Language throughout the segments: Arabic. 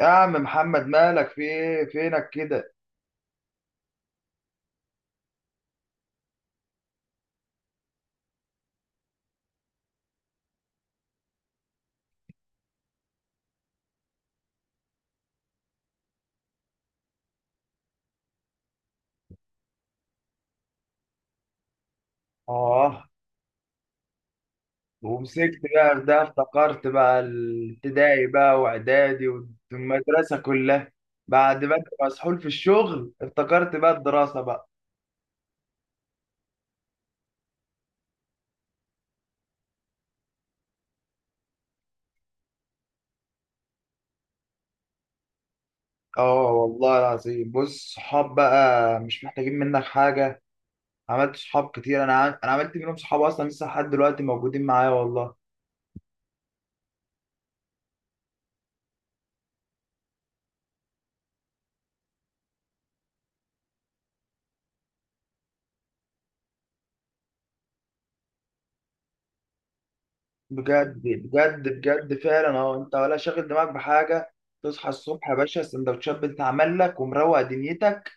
يا عم محمد، مالك؟ في ايه؟ فينك كده؟ اه. ومسكت بقى في ده، افتكرت بقى الابتدائي بقى واعدادي والمدرسة كلها. بعد ما انت مسحول في الشغل افتكرت بقى الدراسة بقى. اه والله العظيم، بص، صحاب بقى مش محتاجين منك حاجة. عملت صحاب كتير، انا عملت منهم صحاب اصلا لسه لحد دلوقتي موجودين معايا والله. بجد بجد بجد فعلا، اه انت ولا شاغل دماغك بحاجة. تصحى الصبح يا باشا، السندوتشات بتتعمل لك ومروق دنيتك.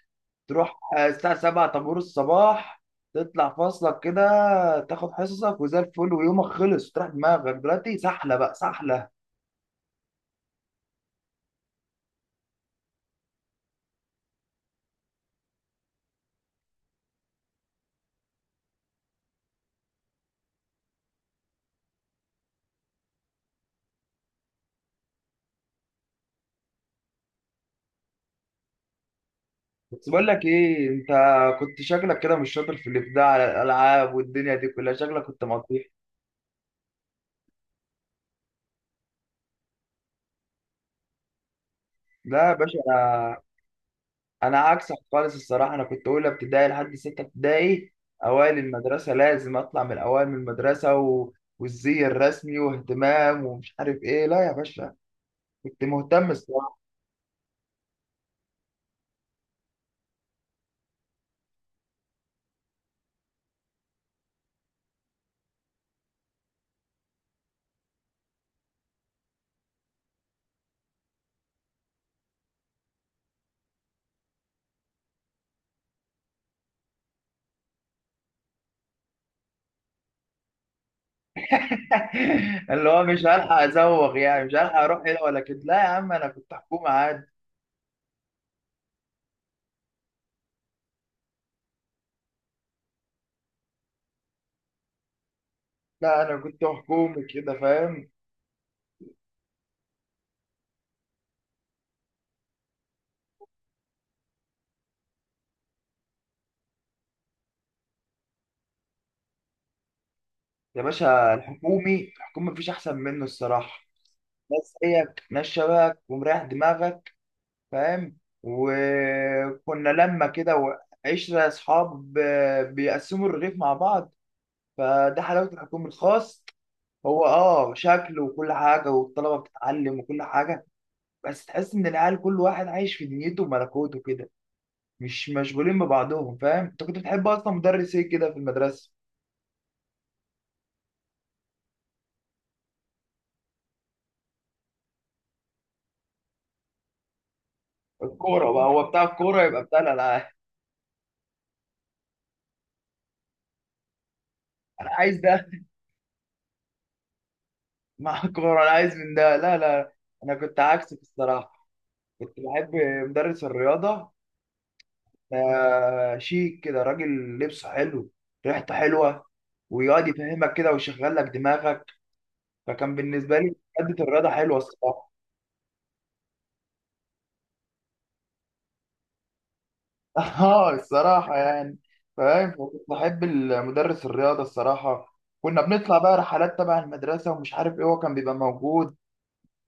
تروح الساعة 7 طابور الصباح، تطلع فاصلك كده، تاخد حصصك وزي الفل، ويومك خلص. تروح دماغك دلوقتي سحلة بقى سحلة. بس بقول لك ايه، انت كنت شكلك كده مش شاطر في الابداع على الالعاب والدنيا دي كلها، شكلك كنت مطيح. لا يا باشا، انا عكسك خالص الصراحة. انا كنت اولى ابتدائي لحد ستة ابتدائي اوائل المدرسة، لازم اطلع من الاوائل من المدرسة والزي الرسمي واهتمام ومش عارف ايه. لا يا باشا، كنت مهتم. اللي هو مش هلحق ازوغ يعني، مش هلحق اروح هنا ولا كده. لا يا عم، انا كنت حكومه عادي. لا انا كنت حكومي كده، فاهم؟ يا باشا الحكومي، الحكومي مفيش احسن منه الصراحه. ناس زيك، ناس شبهك، ومريح دماغك، فاهم؟ وكنا لما كده وعشرة اصحاب، بيقسموا الرغيف مع بعض. فده حلاوه الحكومي، الخاص هو اه شكل وكل حاجه والطلبه بتتعلم وكل حاجه، بس تحس ان العيال كل واحد عايش في دنيته وملكوته كده، مش مشغولين ببعضهم. فاهم؟ انت كنت بتحب اصلا مدرس ايه كده في المدرسه؟ الكوره بقى، هو بتاع الكوره يبقى بتاع الالعاب. انا عايز ده. مع الكوره انا عايز من ده. لا لا، انا كنت عكسك الصراحه. كنت بحب مدرس الرياضه. شيك كده، راجل لبسه حلو، ريحته حلوه، ويقعد يفهمك كده ويشغل لك دماغك. فكان بالنسبه لي ماده الرياضه حلوه الصراحه. اه الصراحة يعني. فاهم؟ فكنت بحب المدرس الرياضة الصراحة. كنا بنطلع بقى رحلات تبع المدرسة ومش عارف ايه، هو كان بيبقى موجود.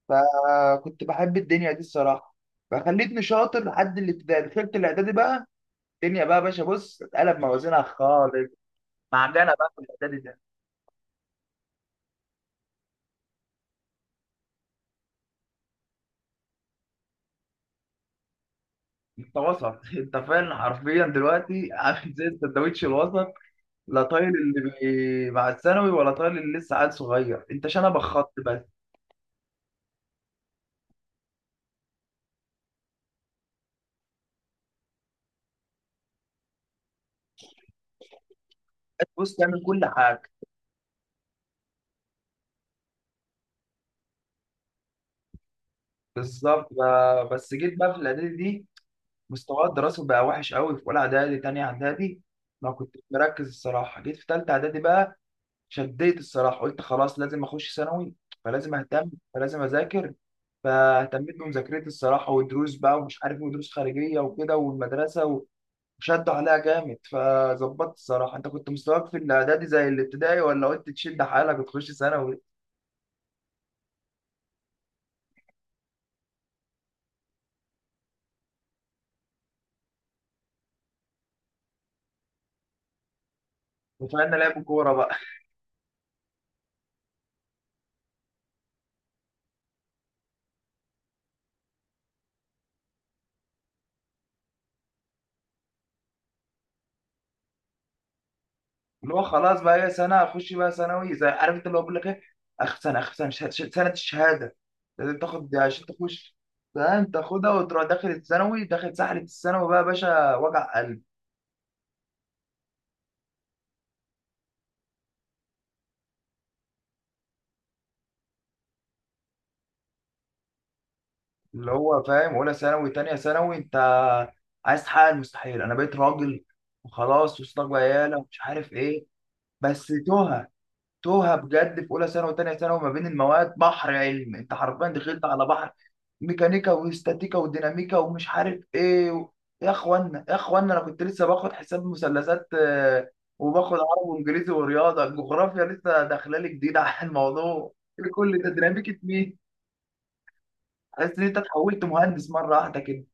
فكنت بحب الدنيا دي الصراحة. فخليتني شاطر لحد الابتدائي. دخلت الإعدادي بقى، الدنيا بقى يا باشا، بص اتقلب موازينها خالص. معجنة بقى في الإعدادي ده. انت وسط. انت فعلا حرفيا دلوقتي عامل زي السندوتش الوسط. لا طايل مع الثانوي، ولا طايل اللي لسه عيل صغير، انت شنبك خط بس. بص تعمل كل حاجة. بس جيت بقى في الاعدادي دي، مستواي الدراسي بقى وحش قوي في اولى اعدادي تانية اعدادي. ما كنتش مركز الصراحه. جيت في تالتة اعدادي بقى، شديت الصراحه، قلت خلاص لازم اخش ثانوي، فلازم اهتم، فلازم اذاكر. فاهتميت بمذاكرتي الصراحه، ودروس بقى ومش عارف ودروس خارجيه وكده والمدرسه وشدوا عليها جامد، فظبطت الصراحه. انت كنت مستواك في الاعدادي زي الابتدائي، ولا قلت تشد حالك وتخش ثانوي؟ وفعلنا لعب كوره بقى. اللي هو خلاص بقى هي سنه اخش بقى ثانوي، زي عارف انت اللي هو بيقول لك ايه، اخر سنه، اخر سنه سنه الشهاده، لازم تاخد عشان تخش، فاهم؟ تاخدها وتروح داخل الثانوي، داخل سحله الثانوي بقى يا باشا، وجع قلب. اللي هو فاهم اولى ثانوي تانية ثانوي، انت عايز تحقق المستحيل، انا بقيت راجل وخلاص، وصلت بقى عيالة ومش عارف ايه، بس تهت، توها بجد في اولى ثانوي وثانيه ثانوي. ما بين المواد بحر علم، انت حرفيا دخلت على بحر، ميكانيكا واستاتيكا وديناميكا ومش عارف ايه يا اخوانا، يا اخوانا انا كنت لسه باخد حساب مثلثات، وباخد عربي وانجليزي ورياضه، الجغرافيا لسه داخله لي جديده على الموضوع. إيه كل ده؟ ديناميكا مين؟ حاسس ان انت اتحولت مهندس مره واحده كده.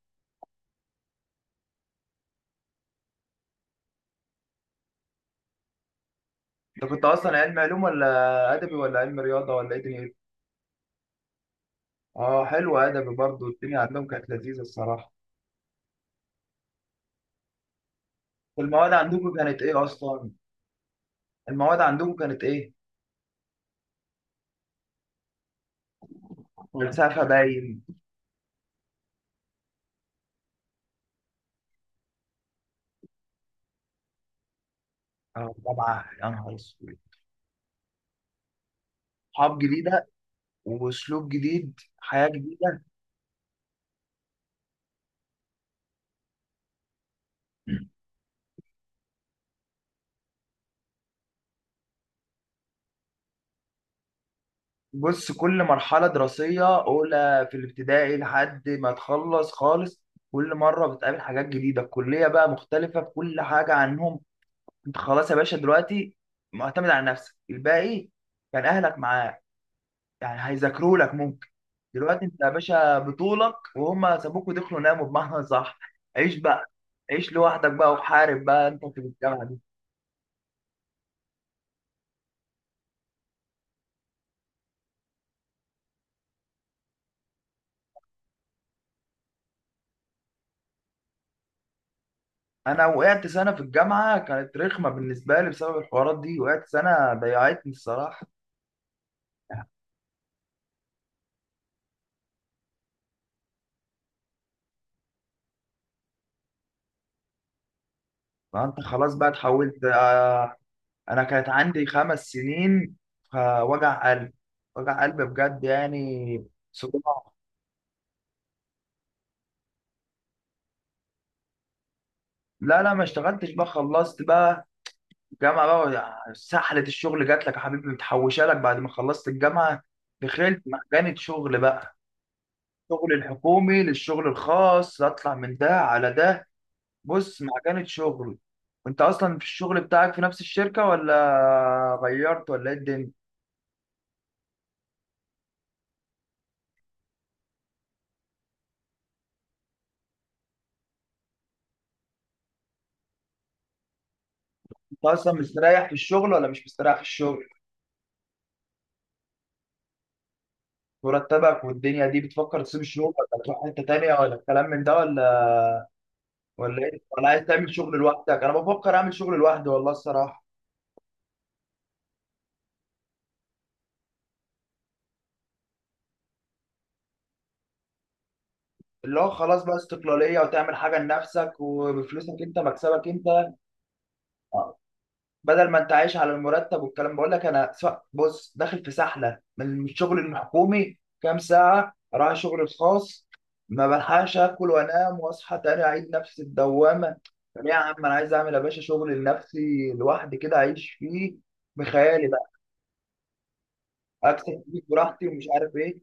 انت كنت اصلا علم علوم ولا ادبي ولا علم رياضه ولا ايه دنيتك؟ اه حلو، ادبي برضه الدنيا عندهم كانت لذيذه الصراحه. المواد عندكم كانت ايه اصلا؟ المواد عندكم كانت ايه؟ مم. فلسفه باين. او طبعا، يا نهار اسود. صحاب جديده واسلوب جديد، حياه جديده. مم. بص، كل مرحله دراسيه اولى في الابتدائي لحد ما تخلص خالص، كل مره بتقابل حاجات جديده. الكليه بقى مختلفه في كل حاجه عنهم. انت خلاص يا باشا دلوقتي معتمد على نفسك الباقي. كان اهلك معاك، يعني هيذاكروا لك ممكن. دلوقتي انت يا باشا بطولك، وهم سابوك ودخلوا ناموا بمعنى صح. عيش بقى، عيش لوحدك بقى، وحارب بقى انت في الجامعه دي. انا وقعت سنه في الجامعه، كانت رخمه بالنسبه لي بسبب الحوارات دي. وقعت سنه، ضيعتني الصراحه. فانت خلاص بقى اتحولت. انا كانت عندي خمس سنين، فوجع قلب، وجع قلب بجد يعني، صداع. لا لا، ما اشتغلتش بقى. خلصت بقى جامعة بقى، سحلة الشغل جات لك يا حبيبي، متحوشة لك بعد ما خلصت الجامعة، دخلت مكانة شغل بقى. الشغل الحكومي للشغل الخاص، اطلع من ده على ده. بص مكانة شغل. انت اصلا في الشغل بتاعك في نفس الشركة، ولا غيرت، ولا ايه الدنيا؟ انت اصلا مستريح في الشغل، ولا مش مستريح في الشغل؟ مرتبك، والدنيا دي بتفكر تسيب الشغل، ولا تروح حتة تانية، ولا الكلام من ده، ولا ولا ايه، ولا عايز تعمل شغل لوحدك؟ انا بفكر اعمل شغل لوحدي والله الصراحة. اللي هو خلاص بقى استقلالية، وتعمل حاجة لنفسك وبفلوسك انت، مكسبك انت. بدل ما انت عايش على المرتب والكلام. بقول لك انا سواء بص داخل في سحلة من الشغل الحكومي، كام ساعة اروح الشغل الخاص، ما بلحقش اكل وانام، واصحى تاني اعيد نفس الدوامة. طب يا عم انا عايز اعمل يا باشا شغل لنفسي لوحدي كده، اعيش فيه بخيالي بقى، اكتب فيه براحتي ومش عارف ايه.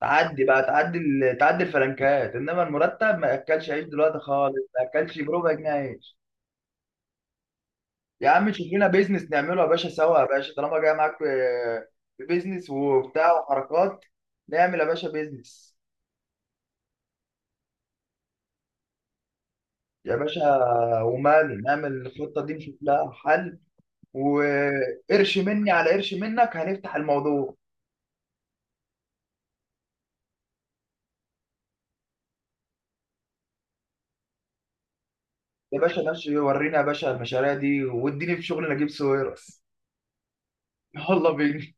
تعدي بقى، تعدي الفلنكات، انما المرتب ما ياكلش عيش دلوقتي خالص، ما ياكلش بربع جنيه عيش. يا عم شوف لنا بيزنس نعمله يا باشا سوا، يا باشا طالما جاي معاك في في بيزنس وبتاع وحركات، نعمل يا باشا بيزنس. يا باشا ومال، نعمل الخطه دي نشوف لها حل. وقرش مني على قرش منك هنفتح الموضوع. يا باشا ماشي، ورينا يا باشا المشاريع دي، واديني في شغل نجيب ساويرس. يلا بينا.